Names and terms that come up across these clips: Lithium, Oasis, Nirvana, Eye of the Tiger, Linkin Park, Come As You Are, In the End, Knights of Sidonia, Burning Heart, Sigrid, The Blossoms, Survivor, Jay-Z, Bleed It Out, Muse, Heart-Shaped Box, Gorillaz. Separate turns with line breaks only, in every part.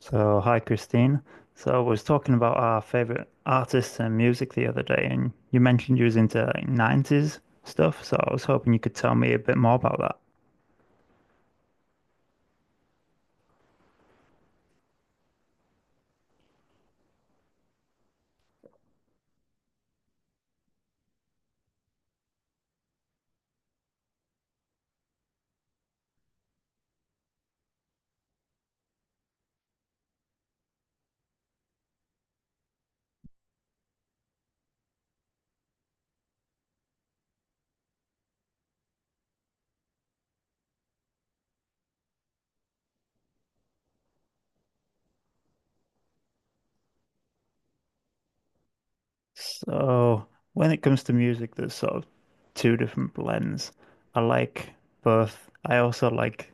So, hi Christine. So, I was talking about our favorite artists and music the other day, and you mentioned you was into 90s stuff. So, I was hoping you could tell me a bit more about that. So, when it comes to music, there's sort of two different blends. I like both. I also like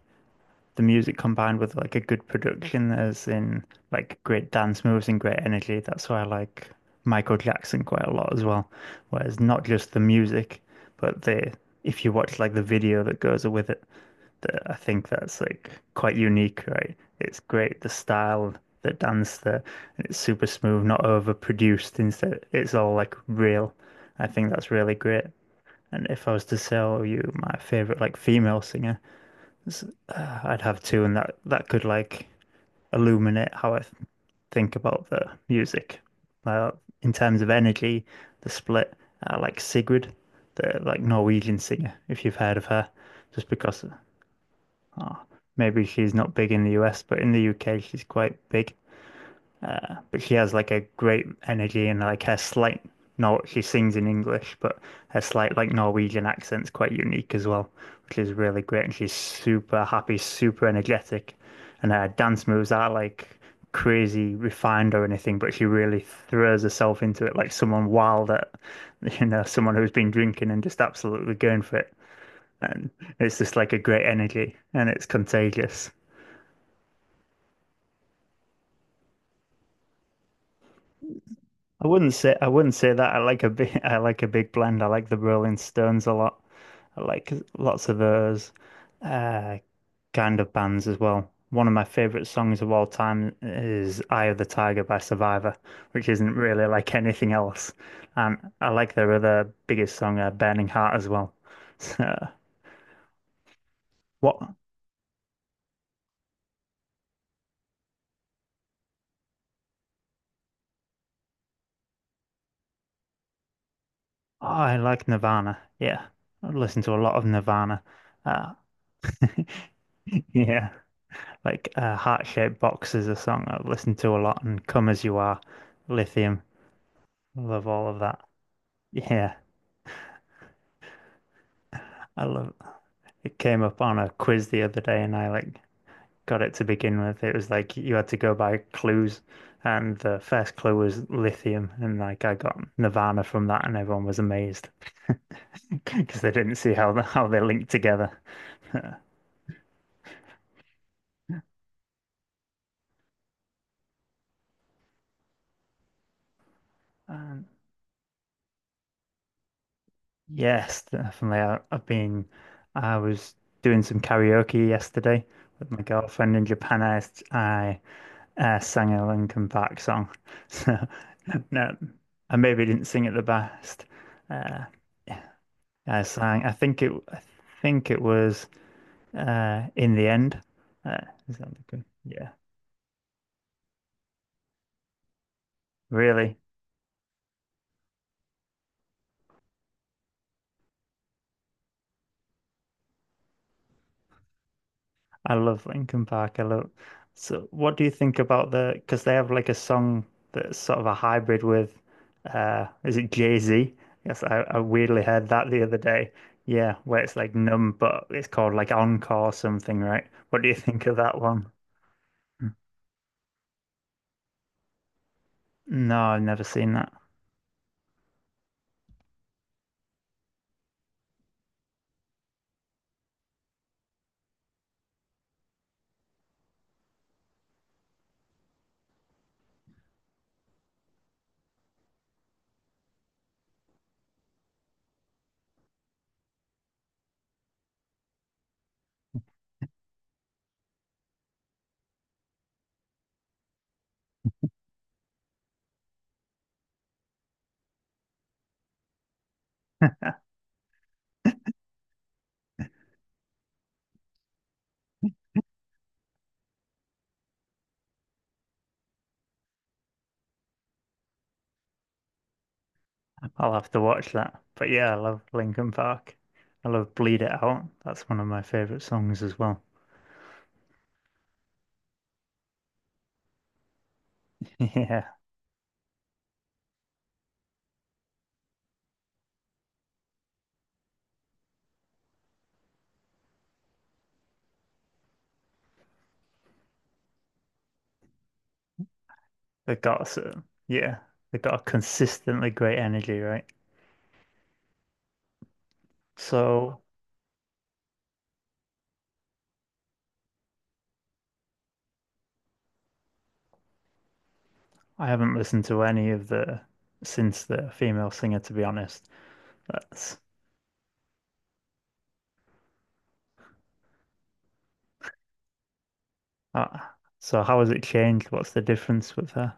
the music combined with like a good production, as in like great dance moves and great energy. That's why I like Michael Jackson quite a lot as well. Whereas not just the music, but the if you watch like the video that goes with it, that I think that's like quite unique, right? It's great the style, the dance, the and it's super smooth, not overproduced. Instead, it's all like real. I think that's really great. And if I was to sell you my favorite like female singer. It's- I'd have two, and that could like illuminate how I think about the music. Uh, in terms of energy, the split, like Sigrid, the like Norwegian singer, if you've heard of her, just because oh, maybe she's not big in the US, but in the UK she's quite big. But she has like a great energy and like her slight Nor she sings in English, but her slight like Norwegian accent's quite unique as well, which is really great. And she's super happy, super energetic, and her dance moves aren't like crazy refined or anything, but she really throws herself into it like someone wild at, you know, someone who's been drinking and just absolutely going for it. And it's just like a great energy and it's contagious. I wouldn't say that. I like a big I like a big blend. I like the Rolling Stones a lot. I like lots of those uh, kind of bands as well. One of my favorite songs of all time is "Eye of the Tiger" by Survivor, which isn't really like anything else. And I like their other biggest song, "Burning Heart," as well. So what? Oh, I like Nirvana. Yeah, I listen to a lot of Nirvana. Uh, yeah. Like heart-shaped boxes a song I've listened to a lot, and Come As You Are, Lithium. I love all of that. Yeah, I love it came up on a quiz the other day and I like got it to begin with. It was like you had to go by clues and the first clue was lithium and like I got Nirvana from that and everyone was amazed because they didn't see how how they linked together. And yes, definitely. I was doing some karaoke yesterday with my girlfriend in Japan. I sang a Linkin Park song. So, no, I maybe didn't sing it the best. Uh, yeah, I think it was, In the End. Uh, is that the good? Yeah, really. I love Linkin Park. I love. So, what do you think about the? Because they have like a song that's sort of a hybrid with, is it Jay-Z? Yes, I weirdly heard that the other day. Yeah, where it's like numb, but it's called like Encore or something, right? What do you think of that one? No, I've never seen that. I'll have to watch that. But yeah, I love Linkin Park. I love Bleed It Out. That's one of my favorite songs as well. Yeah, they got so yeah, they got a consistently great energy, right? So I haven't listened to any of the since the female singer, to be honest. That's uh, so how has it changed? What's the difference with her?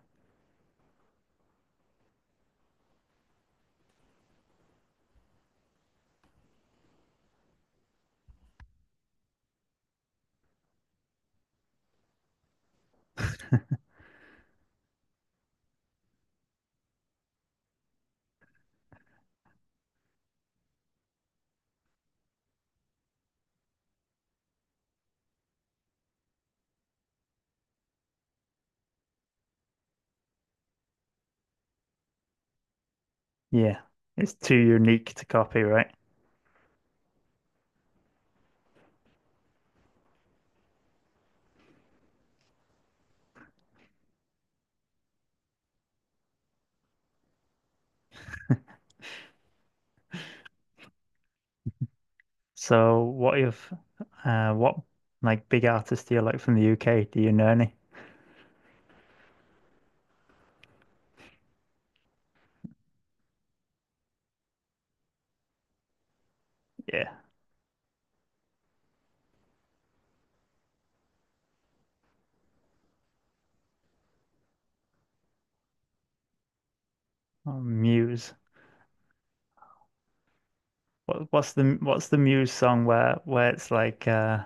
Yeah, it's too unique to copy, right? So what if what like big artists do you like from the UK? Do you know any? Yeah. Oh, Muse. What's the Muse song where it's like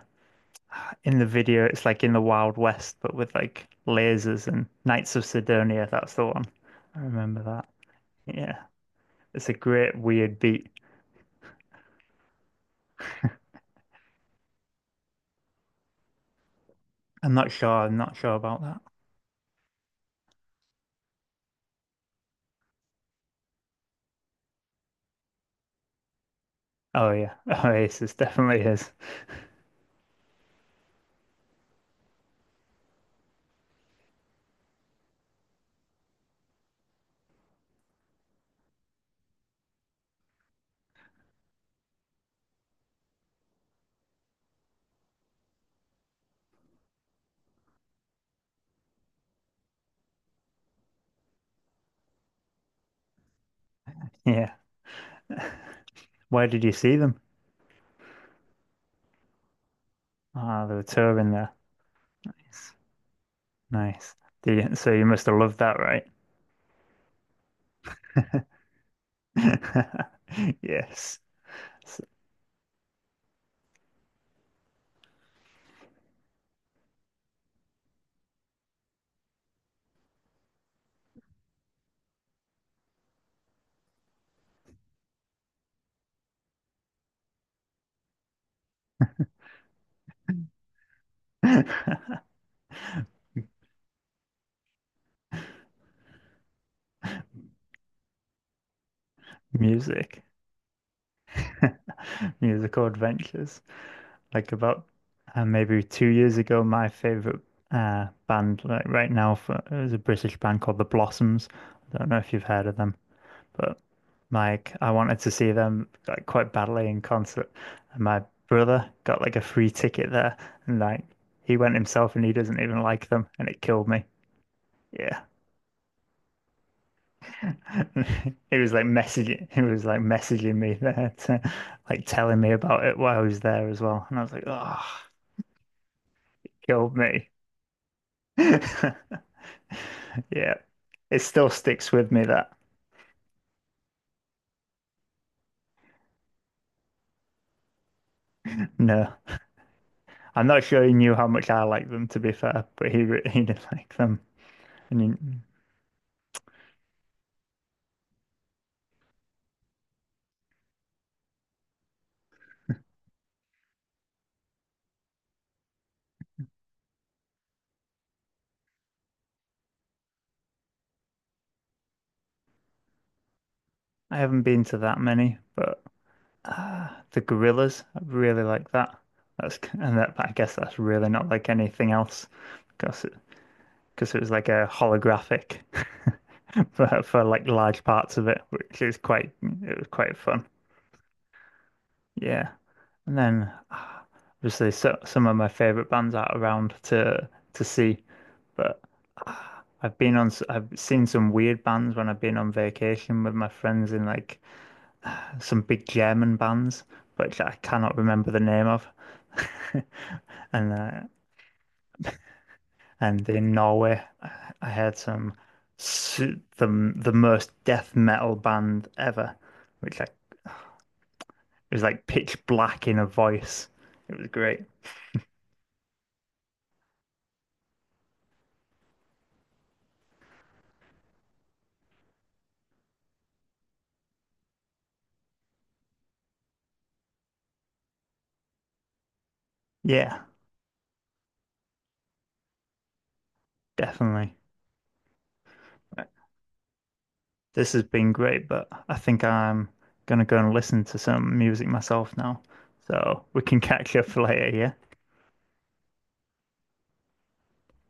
in the video it's like in the Wild West but with like lasers and Knights of Sidonia, that's the one. I remember. Yeah, it's a great weird beat. I'm not sure. I'm not sure about that. Oh yeah, Oasis definitely is. Yeah. Where did you see them? Ah, they were touring there. Nice. Nice. Did you, so you must have loved that, right? Yes. S- Music. Musical adventures. Like about maybe 2 years ago, my favorite band like right now for, it was a British band called The Blossoms. I don't know if you've heard of them. But like I wanted to see them like quite badly in concert. And my brother got like a free ticket there and like he went himself and he doesn't even like them and it killed me. Yeah. He was like messaging me there to like telling me about it while I was there as well. And I was like, oh, killed me. Yeah. It still sticks with me that no. I'm not sure he knew how much I like them to be fair, but he did like them. And he, I haven't been to that many, but the gorillas, I really like that. That's and that, but I guess that's really not like anything else because it, because it was like a holographic for like large parts of it, which is quite it was quite fun. Yeah, and then ah, obviously so, some of my favorite bands are around to see, but ah, I've been on s- I've seen some weird bands when I've been on vacation with my friends in like some big German bands, which I cannot remember the name of. And uh, and in Norway, I heard some the most death metal band ever, which like it was like pitch black in a voice. It was great. Yeah, definitely. Right. This has been great, but I think I'm gonna go and listen to some music myself now. So we can catch up later, yeah?